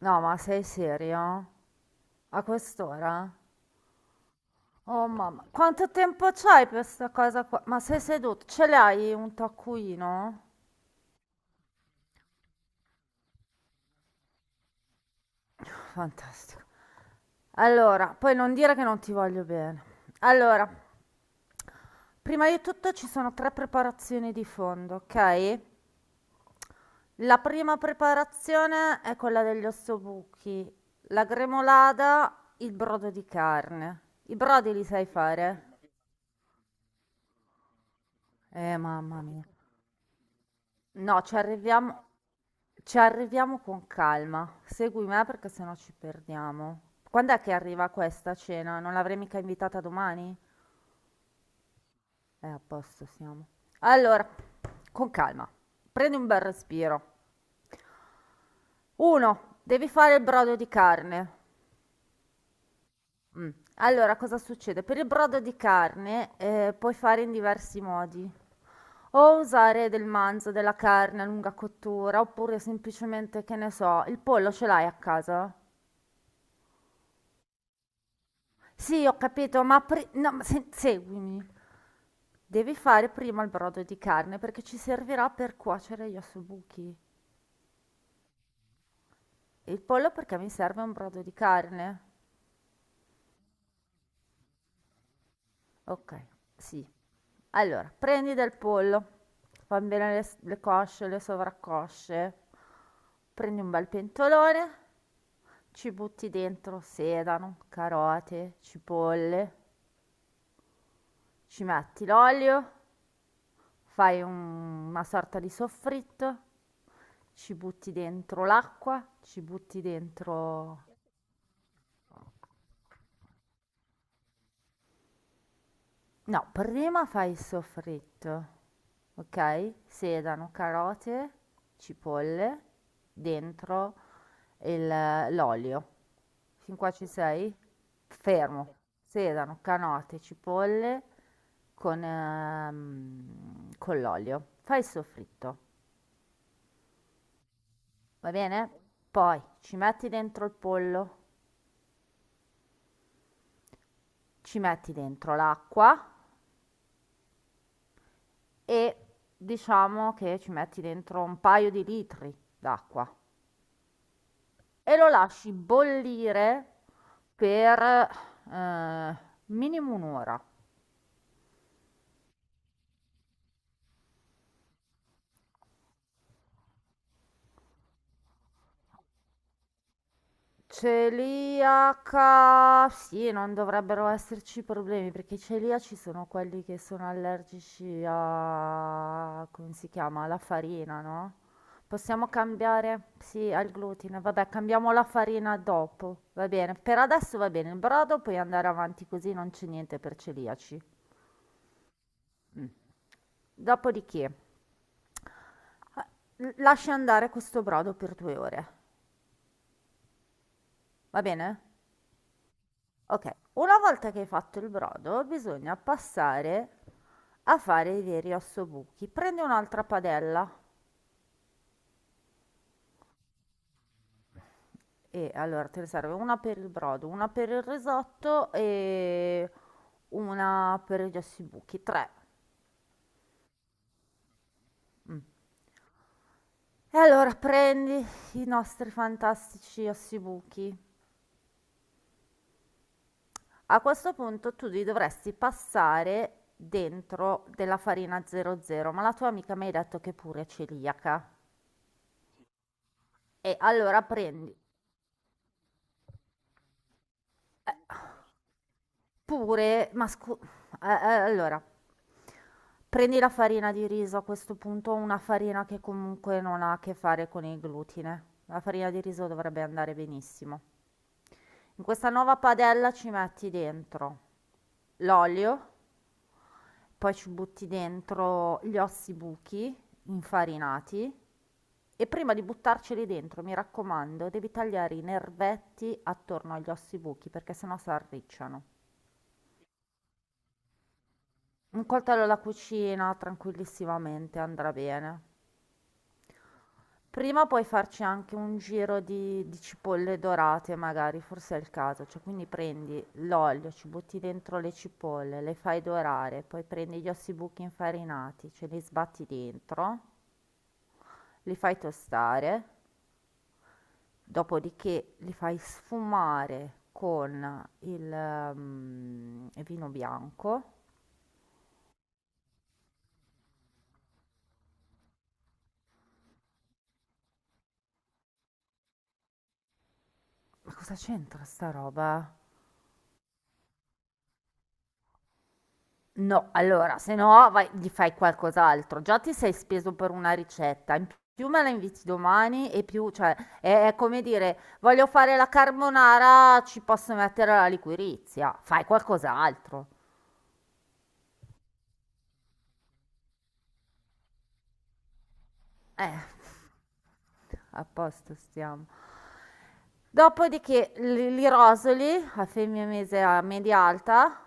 No, ma sei serio? A quest'ora? Oh mamma, quanto tempo c'hai per sta cosa qua? Ma sei seduto? Ce l'hai un taccuino? Fantastico. Allora, poi non dire che non ti voglio bene. Allora, prima di tutto ci sono tre preparazioni di fondo, ok? La prima preparazione è quella degli ossobuchi, la gremolada, il brodo di carne. I brodi li sai fare? Mamma mia. No, ci arriviamo con calma. Segui me perché sennò ci perdiamo. Quando è che arriva questa cena? Non l'avrei mica invitata domani? A posto siamo. Allora, con calma. Prendi un bel respiro. Uno, devi fare il brodo di carne. Mm. Allora, cosa succede? Per il brodo di carne puoi fare in diversi modi. O usare del manzo, della carne a lunga cottura, oppure semplicemente, che ne so, il pollo ce l'hai a casa? Sì, ho capito, ma no, ma seguimi. Devi fare prima il brodo di carne perché ci servirà per cuocere gli ossobuchi. E il pollo perché mi serve un brodo di carne. Ok, sì. Allora, prendi del pollo, fa bene le, le cosce, le sovraccosce. Prendi un bel pentolone, ci butti dentro sedano, carote, cipolle, ci metti l'olio. Fai un una sorta di soffritto, ci butti dentro l'acqua, ci butti dentro, no, prima fai il soffritto, okay, sedano, carote, cipolle, dentro il l'olio. Fin qua ci sei? Fermo. Sedano, carote, cipolle con con l'olio. Fai il soffritto. Va bene? Poi ci metti dentro il pollo, ci metti dentro l'acqua e diciamo che ci metti dentro un paio di litri d'acqua e lo lasci bollire per eh, minimo un'ora. Celiaca, sì, non dovrebbero esserci problemi perché i celiaci sono quelli che sono allergici a, come si chiama, alla farina, no? Possiamo cambiare, sì, al glutine, vabbè, cambiamo la farina dopo, va bene. Per adesso va bene, il brodo puoi andare avanti così, non c'è niente per celiaci. Mm. Dopodiché, lasci andare questo brodo per 2 ore, va bene? Okay, una volta che hai fatto il brodo bisogna passare a fare i veri ossobuchi. Prendi un'altra padella e allora te ne serve una per il brodo, una per il risotto e una per gli ossibuchi, 3. Mm. E allora prendi i nostri fantastici ossibuchi. A questo punto tu li dovresti passare dentro della farina 00, ma la tua amica mi ha detto che è pure è celiaca. E allora prendi, Eh, pure, ma allora, prendi la farina di riso a questo punto, una farina che comunque non ha a che fare con il glutine. La farina di riso dovrebbe andare benissimo. In questa nuova padella ci metti dentro l'olio, poi ci butti dentro gli ossi buchi infarinati, e prima di buttarceli dentro, mi raccomando, devi tagliare i nervetti attorno agli ossi buchi perché sennò si arricciano. Un coltello alla cucina tranquillissimamente andrà bene. Prima puoi farci anche un giro di cipolle dorate, magari, forse è il caso. Cioè, quindi prendi l'olio, ci butti dentro le cipolle, le fai dorare, poi prendi gli ossibuchi infarinati, ce li sbatti dentro, li fai tostare, dopodiché li fai sfumare con il, vino bianco. Ma cosa c'entra sta roba? No, allora, se no vai gli fai qualcos'altro. Già ti sei speso per una ricetta, in più me la inviti domani e più, cioè, è come dire, voglio fare la carbonara, ci posso mettere la liquirizia. Fai qualcos'altro. Eh, a posto stiamo. Dopodiché li rosoli a femmina mese a media alta,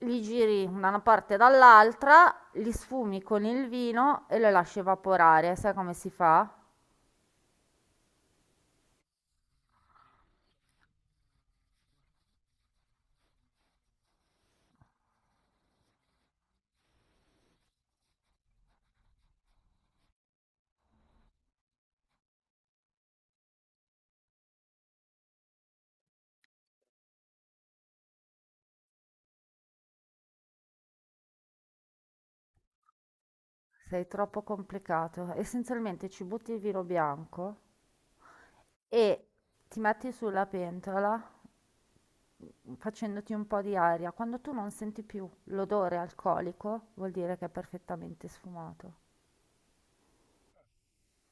li giri da una parte e dall'altra, li sfumi con il vino e lo lasci evaporare. Sai come si fa? Sei troppo complicato. Essenzialmente ci butti il vino bianco e ti metti sulla pentola facendoti un po' di aria. Quando tu non senti più l'odore alcolico, vuol dire che è perfettamente sfumato.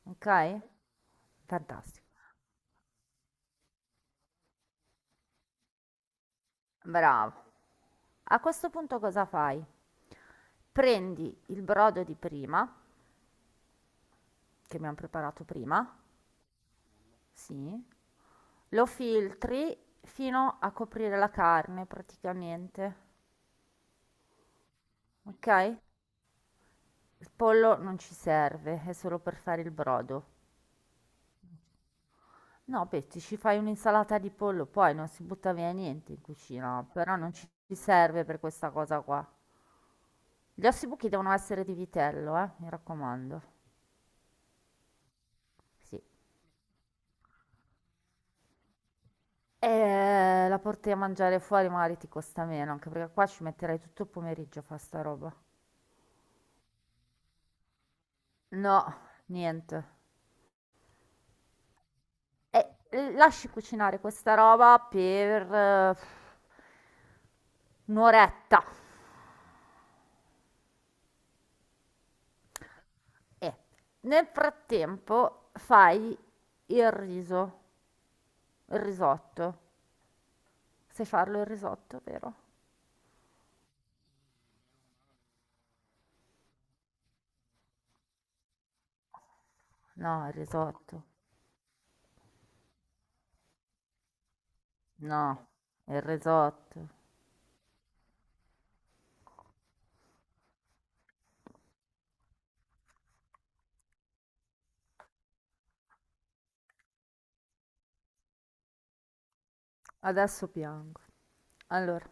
Ok? Fantastico. Bravo. A questo punto cosa fai? Prendi il brodo di prima, che abbiamo preparato prima, sì, lo filtri fino a coprire la carne praticamente, ok? Il pollo non ci serve, è solo per fare il brodo. No, Betty, ci fai un'insalata di pollo, poi non si butta via niente in cucina, però non ci serve per questa cosa qua. Gli ossibuchi devono essere di vitello, mi raccomando. Sì. E la porti a mangiare fuori, magari ti costa meno, anche perché qua ci metterai tutto il pomeriggio a fare sta roba. No, niente. E lasci cucinare questa roba per un'oretta. E nel frattempo fai il riso, il risotto. Sai farlo il risotto, vero? No, il risotto. No, il risotto. Adesso piango. Allora,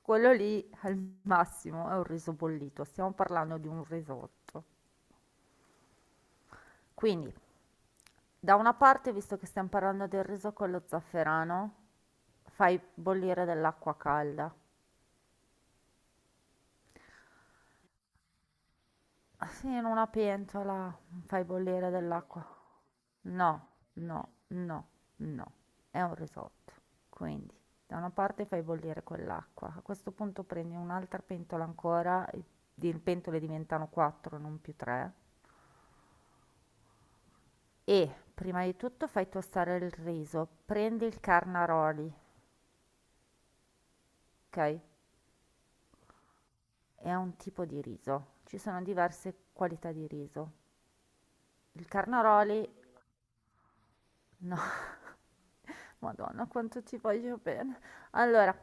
quello lì al massimo è un riso bollito. Stiamo parlando di un risotto. Quindi, da una parte, visto che stiamo parlando del riso con lo zafferano, fai bollire dell'acqua calda. Sì, in una pentola fai bollire dell'acqua. No, no, no, no, è un risotto. Quindi, da una parte fai bollire quell'acqua, a questo punto prendi un'altra pentola ancora, e le pentole diventano 4, non più 3, e prima di tutto fai tostare il riso, prendi il carnaroli, ok? È un tipo di riso, ci sono diverse qualità di riso. Il carnaroli, no, Madonna, quanto ci voglio bene. Allora,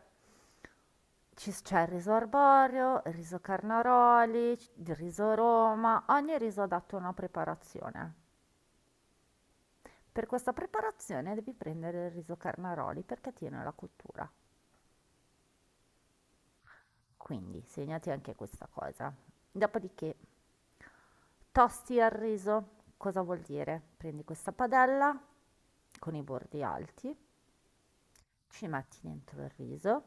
C'è il riso arborio, il riso carnaroli, il riso Roma, ogni riso ha dato una preparazione. Per questa preparazione devi prendere il riso carnaroli perché tiene la cottura. Quindi segnati anche questa cosa. Dopodiché tosti il riso. Cosa vuol dire? Prendi questa padella con i bordi alti, ci metti dentro il riso.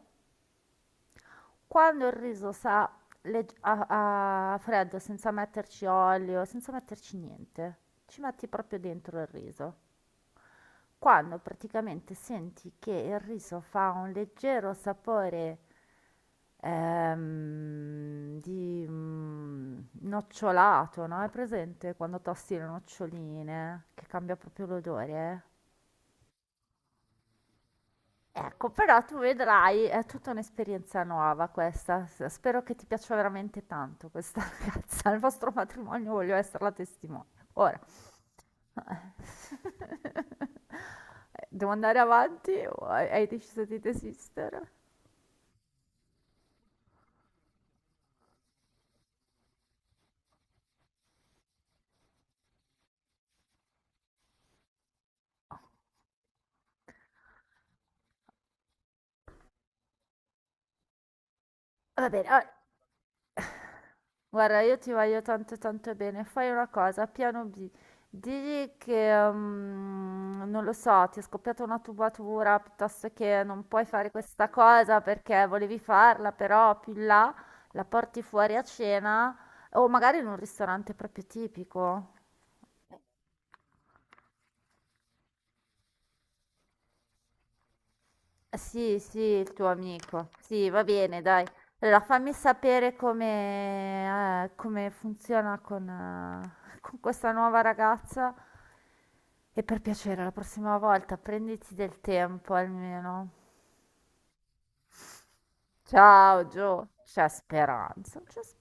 Quando il riso sa a freddo, senza metterci olio, senza metterci niente, ci metti proprio dentro il riso. Quando praticamente senti che il riso fa un leggero sapore di nocciolato, no? È presente quando tosti le noccioline, che cambia proprio l'odore? Ecco, però tu vedrai, è tutta un'esperienza nuova questa. Spero che ti piaccia veramente tanto questa ragazza. Il vostro matrimonio voglio essere la testimone. Ora, devo andare avanti o hai deciso di desistere? Va bene, allora, guarda, io ti voglio tanto tanto bene. Fai una cosa, piano B. Digli che, non lo so, ti è scoppiata una tubatura, piuttosto che non puoi fare questa cosa perché volevi farla, però più in là la porti fuori a cena o magari in un ristorante proprio tipico. Sì, sì, il tuo amico. Sì, va bene, dai. Allora, fammi sapere come, come funziona con, con questa nuova ragazza. E per piacere, la prossima volta prenditi del tempo almeno. Ciao, Gio. C'è speranza, c'è speranza.